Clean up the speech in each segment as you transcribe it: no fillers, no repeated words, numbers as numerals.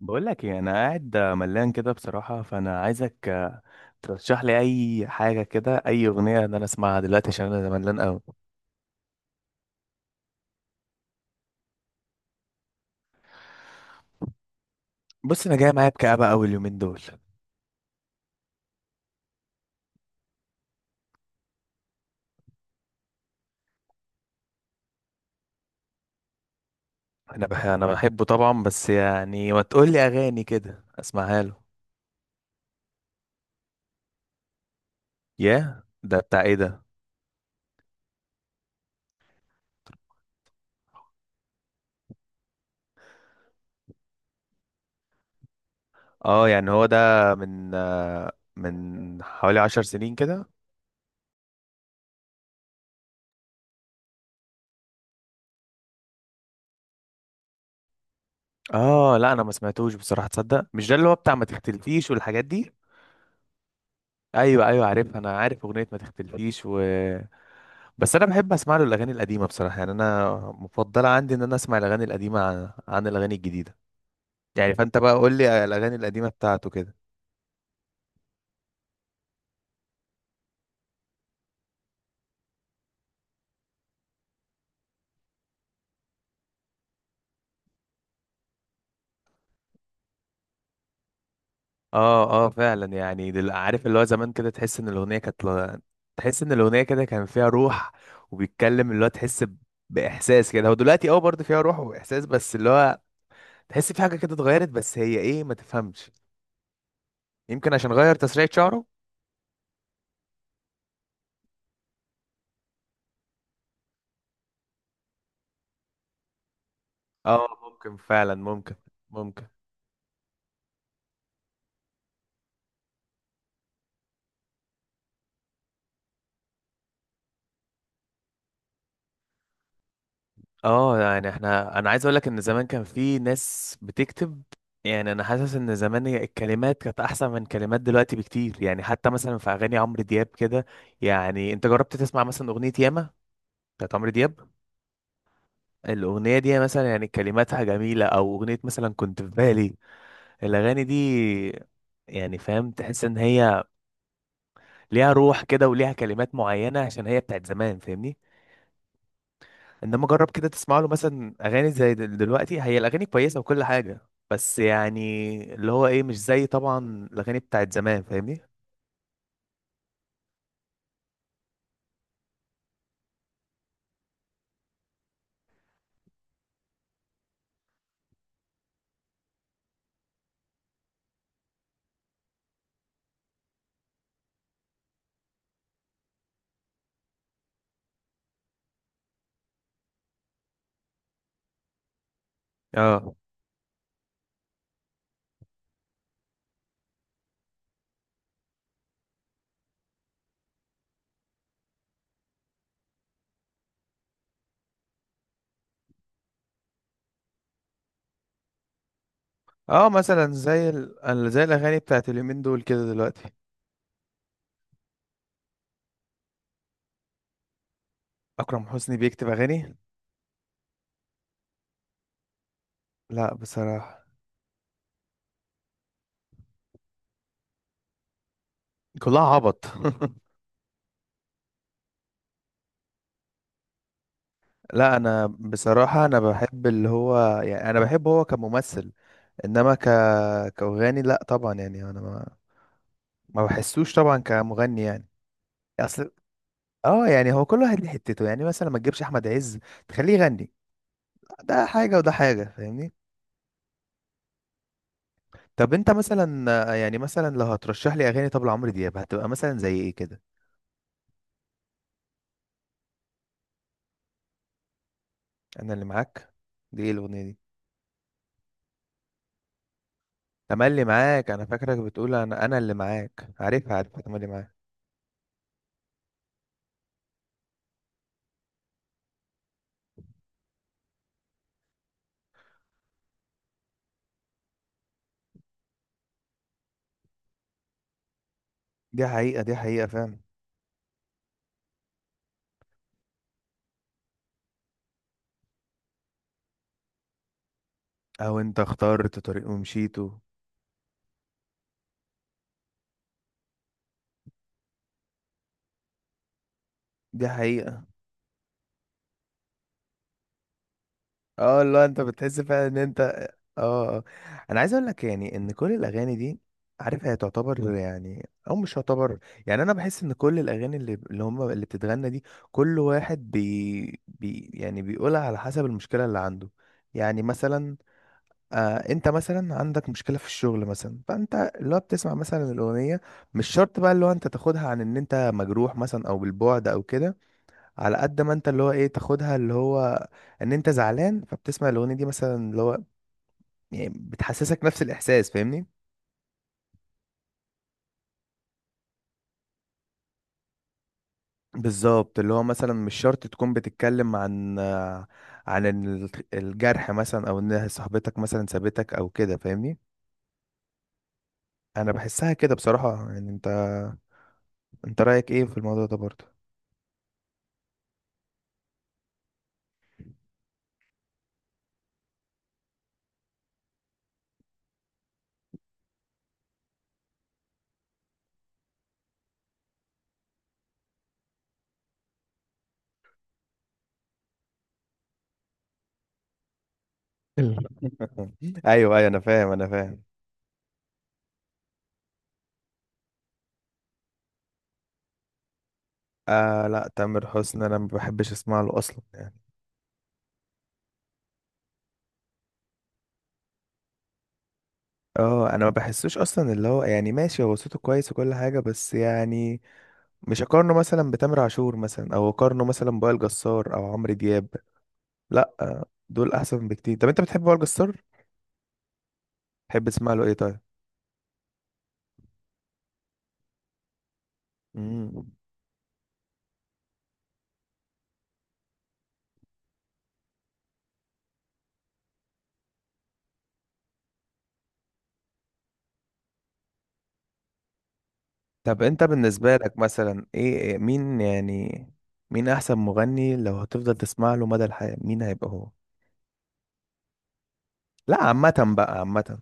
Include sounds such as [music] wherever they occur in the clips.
بقول لك ايه، انا قاعد ملان كده بصراحه. فانا عايزك ترشح لي اي حاجه كده، اي اغنيه، ان انا اسمعها دلوقتي عشان انا ملان قوي. بص، انا جاي معايا بكآبة قوي اليومين دول. انا بحبه طبعا. بس يعني ما تقول لي اغاني كده اسمعها له. ياه، ده بتاع ايه ده؟ اه يعني هو ده من حوالي 10 سنين كده. اه، لا انا ما سمعتوش بصراحه. تصدق مش ده اللي هو بتاع ما تختلفيش والحاجات دي؟ ايوه ايوه عارف، انا عارف اغنيه ما تختلفيش، و... بس انا بحب اسمع له الاغاني القديمه بصراحه. يعني انا مفضله عندي ان انا اسمع الاغاني القديمه عن الاغاني الجديده. يعني فانت بقى قول لي الاغاني القديمه بتاعته كده. اه اه، فعلا. يعني عارف اللي هو زمان كده، تحس ان الاغنيه كانت. تحس ان الاغنيه كده كان فيها روح، وبيتكلم اللي هو تحس باحساس كده. هو دلوقتي برضه فيها روح واحساس، بس اللي هو تحس في حاجه كده اتغيرت، بس هي ايه ما تفهمش. يمكن عشان غير تسريحه شعره. اه، ممكن فعلا، ممكن، ممكن. اه يعني انا عايز اقول لك ان زمان كان في ناس بتكتب. يعني انا حاسس ان زمان هي الكلمات كانت احسن من كلمات دلوقتي بكتير. يعني حتى مثلا في اغاني عمرو دياب كده. يعني انت جربت تسمع مثلا اغنية ياما بتاعت عمرو دياب؟ الاغنية دي مثلا يعني كلماتها جميلة، او اغنية مثلا كنت في بالي. الاغاني دي، يعني فاهم، تحس ان هي ليها روح كده وليها كلمات معينة عشان هي بتاعت زمان. فاهمني؟ انما جرب كده تسمع له مثلا اغاني زي دلوقتي، هي الاغاني كويسه وكل حاجه، بس يعني اللي هو ايه مش زي طبعا الاغاني بتاعت زمان. فاهمني؟ اه اه، مثلا زي زي الاغاني بتاعت اليومين دول كده دلوقتي. اكرم حسني بيكتب اغاني؟ لا بصراحه. كلها عبط. [laughs] لا، انا بصراحه انا بحب، اللي هو يعني انا بحبه هو كممثل. انما كأغاني لا طبعا. يعني انا ما بحسوش طبعا كمغني يعني. اصل. اه يعني هو كل واحد ليه حتته. يعني مثلا ما تجيبش احمد عز تخليه يغني، ده حاجه وده حاجه. فاهمني؟ طب انت مثلا، يعني مثلا لو هترشح لي اغاني، طب لعمرو دياب هتبقى مثلا زي ايه كده؟ انا اللي معاك؟ دي ايه الاغنيه دي؟ تملي معاك. انا فاكرك بتقول انا اللي معاك. عارفها عارفها، تملي معاك. دي حقيقه، دي حقيقه فعلا. او انت اخترت طريق ومشيته. دي حقيقه. اه، لا انت بتحس فعلا ان انت اه آه. انا عايز اقول لك، يعني ان كل الاغاني دي، عارف هي تعتبر، يعني او مش تعتبر. يعني انا بحس ان كل الاغاني اللي هم اللي بتتغنى دي، كل واحد بي, بي يعني بيقولها على حسب المشكله اللي عنده. يعني مثلا، آه، انت مثلا عندك مشكله في الشغل مثلا، فانت اللي هو بتسمع مثلا الاغنيه، مش شرط بقى اللي هو انت تاخدها عن ان انت مجروح مثلا او بالبعد او كده. على قد ما انت اللي هو ايه تاخدها، اللي هو ان انت زعلان، فبتسمع الاغنيه دي مثلا اللي هو يعني بتحسسك نفس الاحساس. فاهمني؟ بالظبط، اللي هو مثلا مش شرط تكون بتتكلم عن الجرح مثلا، او ان صاحبتك مثلا سابتك او كده. فاهمني؟ انا بحسها كده بصراحه. يعني انت رايك ايه في الموضوع ده برضه؟ [laughs] ايوه ايوه، انا فاهم، انا فاهم. آه لا، تامر حسني انا ما بحبش اسمع له اصلا يعني. اه، انا ما بحسوش اصلا. اللي هو يعني ماشي، هو صوته كويس وكل حاجه، بس يعني مش اقارنه مثلا بتامر عاشور مثلا، او اقارنه مثلا بوائل جسار او عمرو دياب. لا، دول احسن بكتير. طب انت بتحب وائل جسار؟ تحب تسمع له ايه طيب؟ مم. طب انت بالنسبه لك مثلا، مين يعني، مين احسن مغني، لو هتفضل تسمع له مدى الحياه مين هيبقى هو؟ لا، عامه بقى، عامه.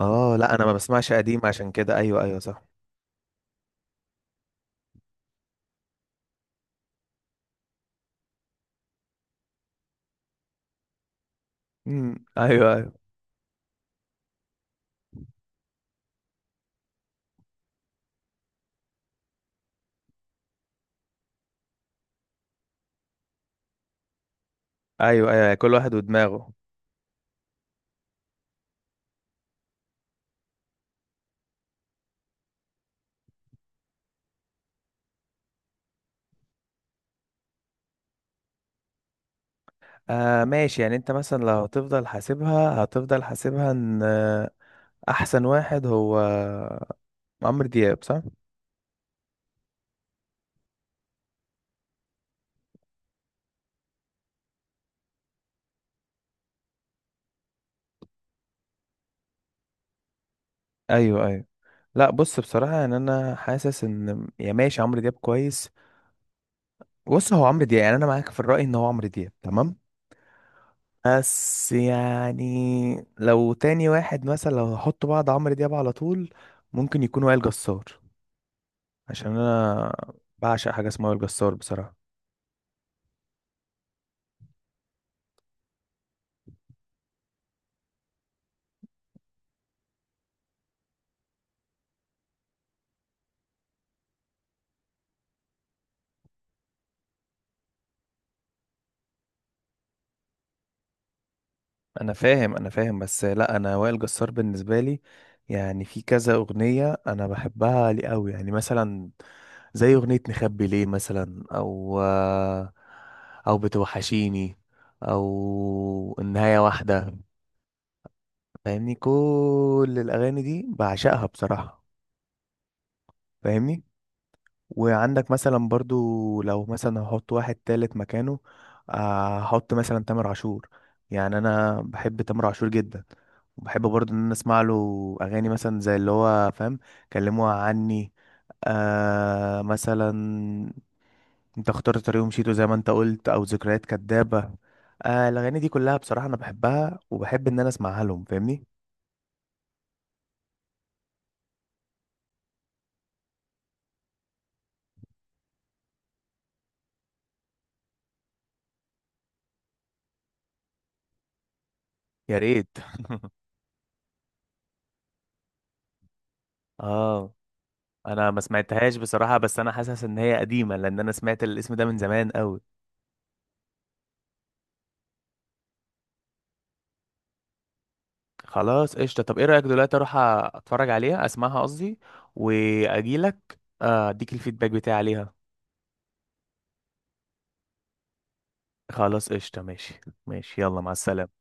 اه، لا انا ما بسمعش قديم عشان كده. ايوه ايوه صح. مم. ايوه ايوه. ايوه ايوه، كل واحد ودماغه. آه ماشي. يعني انت مثلا لو هتفضل حاسبها، هتفضل حاسبها ان احسن واحد هو عمرو دياب، صح؟ ايوه ايوه. لا بص، بصراحه يعني انا حاسس ان، يا ماشي، عمرو دياب كويس. بص هو عمرو دياب، يعني انا معاك في الراي ان هو عمرو دياب تمام. بس يعني، لو تاني واحد مثلا، لو هحط بعض عمرو دياب على طول، ممكن يكون وائل جسار. عشان انا بعشق حاجه اسمها وائل جسار بصراحه. انا فاهم، انا فاهم. بس لا، انا وائل جسار بالنسبه لي، يعني في كذا اغنيه انا بحبها لي قوي، يعني مثلا زي اغنيه نخبي ليه مثلا، او بتوحشيني، او النهايه واحده. فاهمني؟ كل الاغاني دي بعشقها بصراحه. فاهمني؟ وعندك مثلا برضو، لو مثلا هحط واحد تالت مكانه، هحط مثلا تامر عاشور. يعني انا بحب تامر عاشور جدا، وبحب برضو ان انا اسمع له اغاني، مثلا زي اللي هو فاهم، كلموها عني، آه مثلا انت اخترت طريق ومشيته زي ما انت قلت، او ذكريات كدابة. آه، الاغاني دي كلها بصراحة انا بحبها، وبحب ان انا اسمعها لهم. فاهمني؟ يا ريت. [laughs] اه، انا ما سمعتهاش بصراحه، بس انا حاسس ان هي قديمه، لان انا سمعت الاسم ده من زمان قوي. خلاص قشطه. طب ايه رايك دلوقتي اروح اتفرج عليها، اسمعها قصدي، واجيلك اديك الفيدباك بتاعي عليها؟ خلاص قشطه، ماشي. ماشي، يلا مع السلامه.